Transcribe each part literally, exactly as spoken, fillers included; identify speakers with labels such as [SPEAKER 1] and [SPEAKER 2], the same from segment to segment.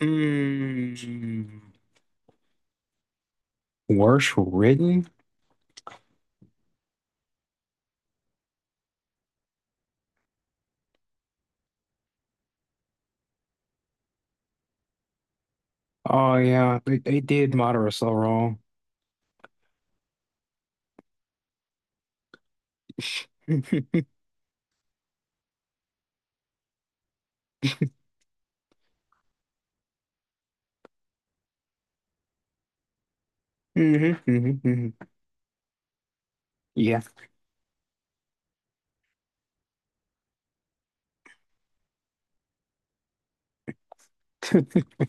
[SPEAKER 1] Mm, worse written? Oh yeah, they, they did Madara so wrong. hmm hmm hmm Yeah. hmm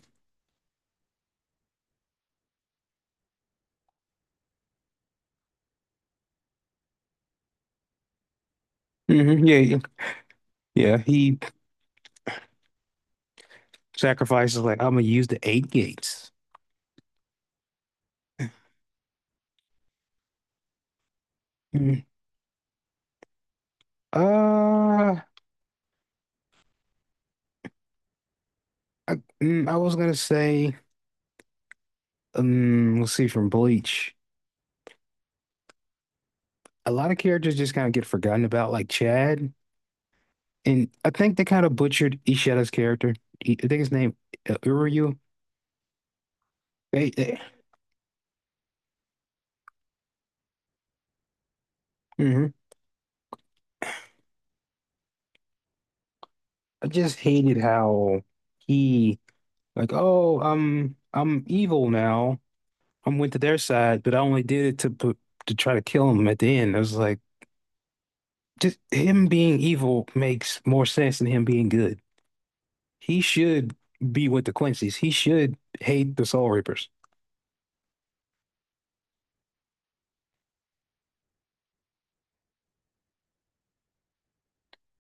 [SPEAKER 1] yeah, yeah. Yeah, he sacrifices like I'm gonna use the eight gates. Mm. Uh I, mm, I was gonna say, um, let's see from Bleach. A lot of characters just kind of get forgotten about, like Chad. And I think they kind of butchered Ishida's character. He- I think his name uh, Uryu. They, they, mhm. I just hated how he like, oh, I'm I'm evil now. I'm went to their side, but I only did it to put to try to kill him at the end. I was like, just him being evil makes more sense than him being good. He should be with the Quincy's. He should hate the Soul Reapers.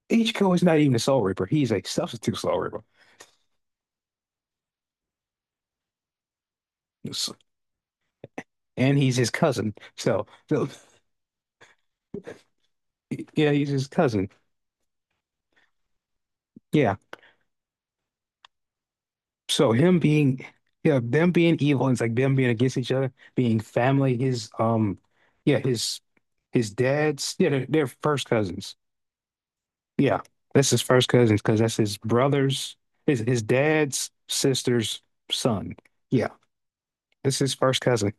[SPEAKER 1] Ichigo is not even a Soul Reaper. He's a substitute Soul Reaper. And he's his cousin. So, so yeah, he's his cousin. Yeah, so him being, yeah, them being evil, and it's like them being against each other, being family. His um, yeah, his his dad's, yeah, they're, they're first cousins. Yeah, that's his first cousins because that's his brother's, his his dad's sister's son. Yeah, this is his first cousin.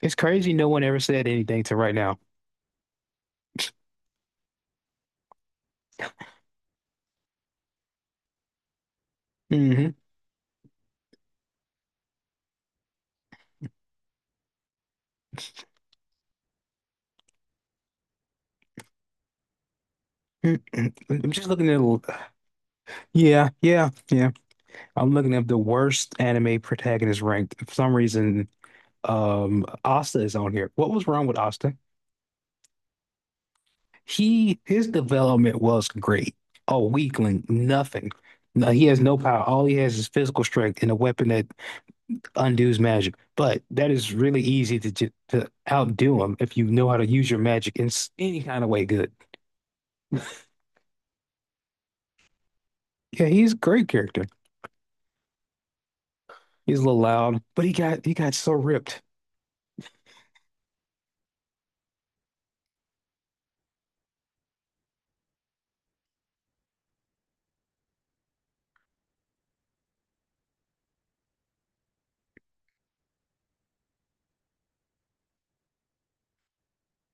[SPEAKER 1] It's crazy no one ever said anything to right now. Hmm I'm just looking at, a- yeah, yeah, yeah. I'm looking at the worst anime protagonist ranked. For some reason, um Asta is on here. What was wrong with Asta? He his development was great. A weakling, nothing. No, he has no power. All he has is physical strength and a weapon that undoes magic. But that is really easy to ju- to outdo him if you know how to use your magic in s- any kind of way. Good. Yeah, he's a great character. He's a little loud, but he got he got so ripped.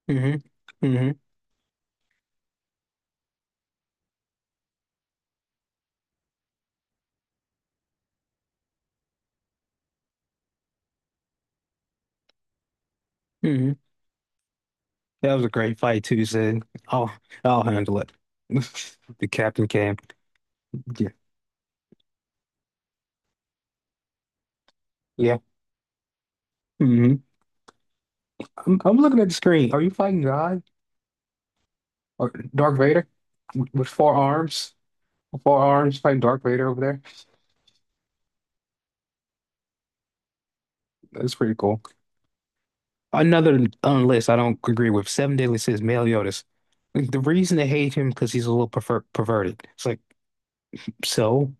[SPEAKER 1] Hmm hmm hmm That was a great fight too. He said, will I'll handle it." The captain came. Yeah. Yeah. Mhm. I'm, I'm looking at the screen. Are you fighting God or Darth Vader with four arms? Four arms fighting Darth Vader over there. That's pretty cool. Another on list I don't agree with. Seven Deadly Sins, Male Yoda's. Like, the reason they hate him because he's a little perver perverted. It's like so.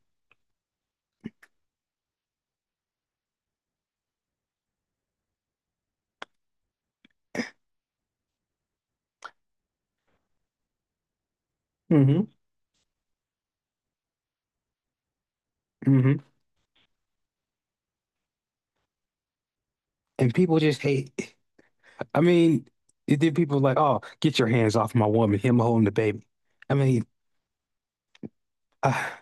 [SPEAKER 1] Hmm hmm And people just hate. I mean, it did people like, oh, get your hands off my woman. Him holding the baby. I mean, ah.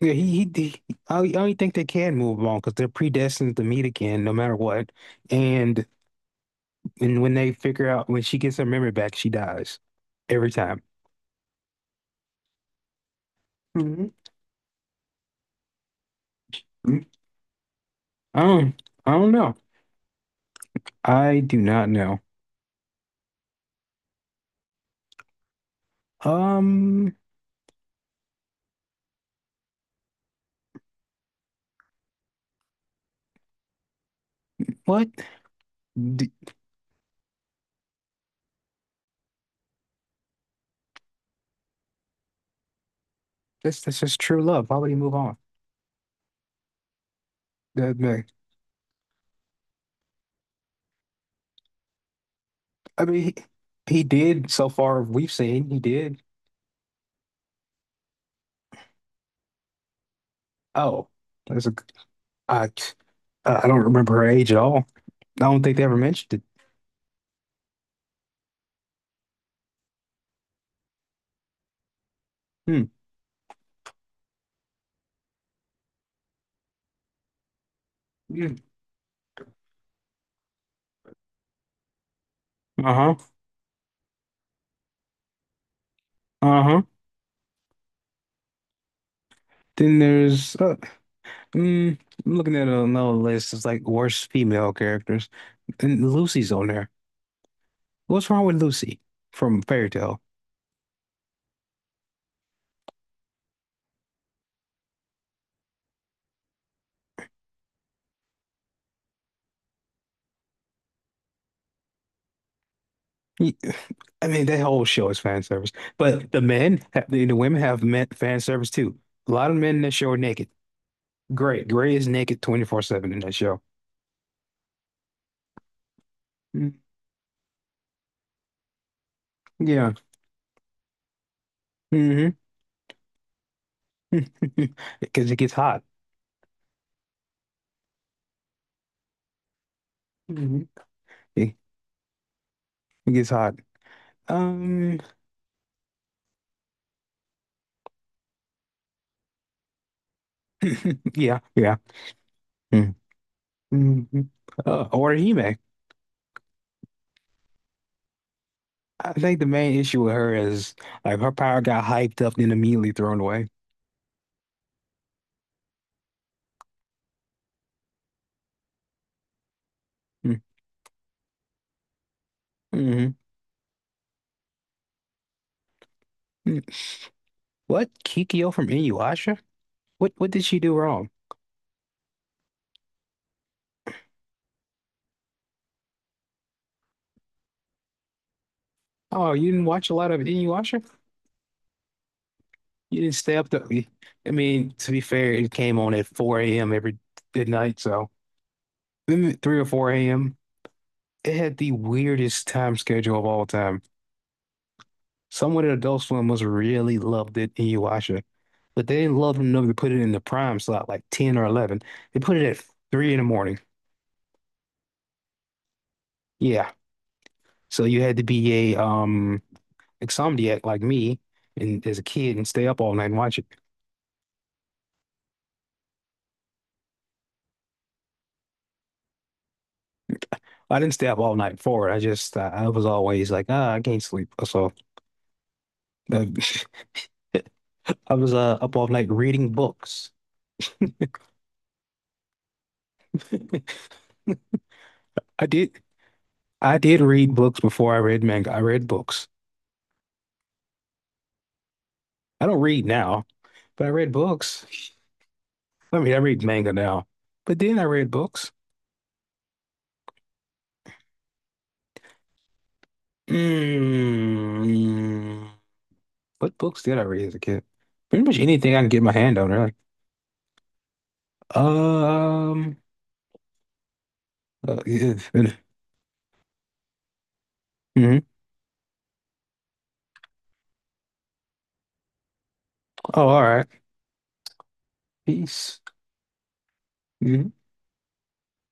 [SPEAKER 1] Yeah, he, he, he I only I only think they can move on because they're predestined to meet again, no matter what. And and when they figure out when she gets her memory back, she dies every time. Mhm. I don't, I don't know. I do not know. Um, what? D- This this is true love. How would he move on? The- the- I mean, he, he did so far. We've seen he did. Oh, that's a. I I don't remember her age at all. I don't think they ever mentioned it. Hmm. Yeah. Uh-huh. Uh-huh. Then there's uh, mm, I'm looking at another list. It's like worst female characters, and Lucy's on there. What's wrong with Lucy from Fairy Tale? Y- I mean, that whole show is fan service, but the men, have, the, the women have men, fan service too. A lot of men in that show are naked. Gray, Gray is naked twenty-four seven in that show. Mm, yeah, hmm because it gets hot. Mhm. It, it gets hot. Um, yeah, yeah. Mm-hmm. Mm-hmm. Uh, or Hime. I think the main issue with her is like her power got hyped up then immediately thrown away. Mm, Mm-hmm. mm. What? Kikyo from Inuyasha? What what did she do wrong? Oh, you didn't watch a lot of Inuyasha? You didn't stay up to I mean, to be fair, it came on at four a m every at night, so maybe three or four a m. It had the weirdest time schedule of all time. Someone at Adult Swim must have really loved it Inuyasha. But they didn't love them enough to put it in the prime slot, like ten or eleven. They put it at three in the morning. Yeah. So you had to be a um insomniac like me and as a kid and stay up all night and watch it. I didn't stay up all night for it. I just uh, I was always like, ah, I can't sleep. So uh, I was uh, up all night reading books. I did I did read books before I read manga. I read books. I don't read now, but I read books. I mean, I read manga now, but then I read books. Mm. What books did I read as a kid? Pretty much anything I can get my hand on. Really. um, uh, yeah, hmm Oh, all right. Peace. Mm-hmm.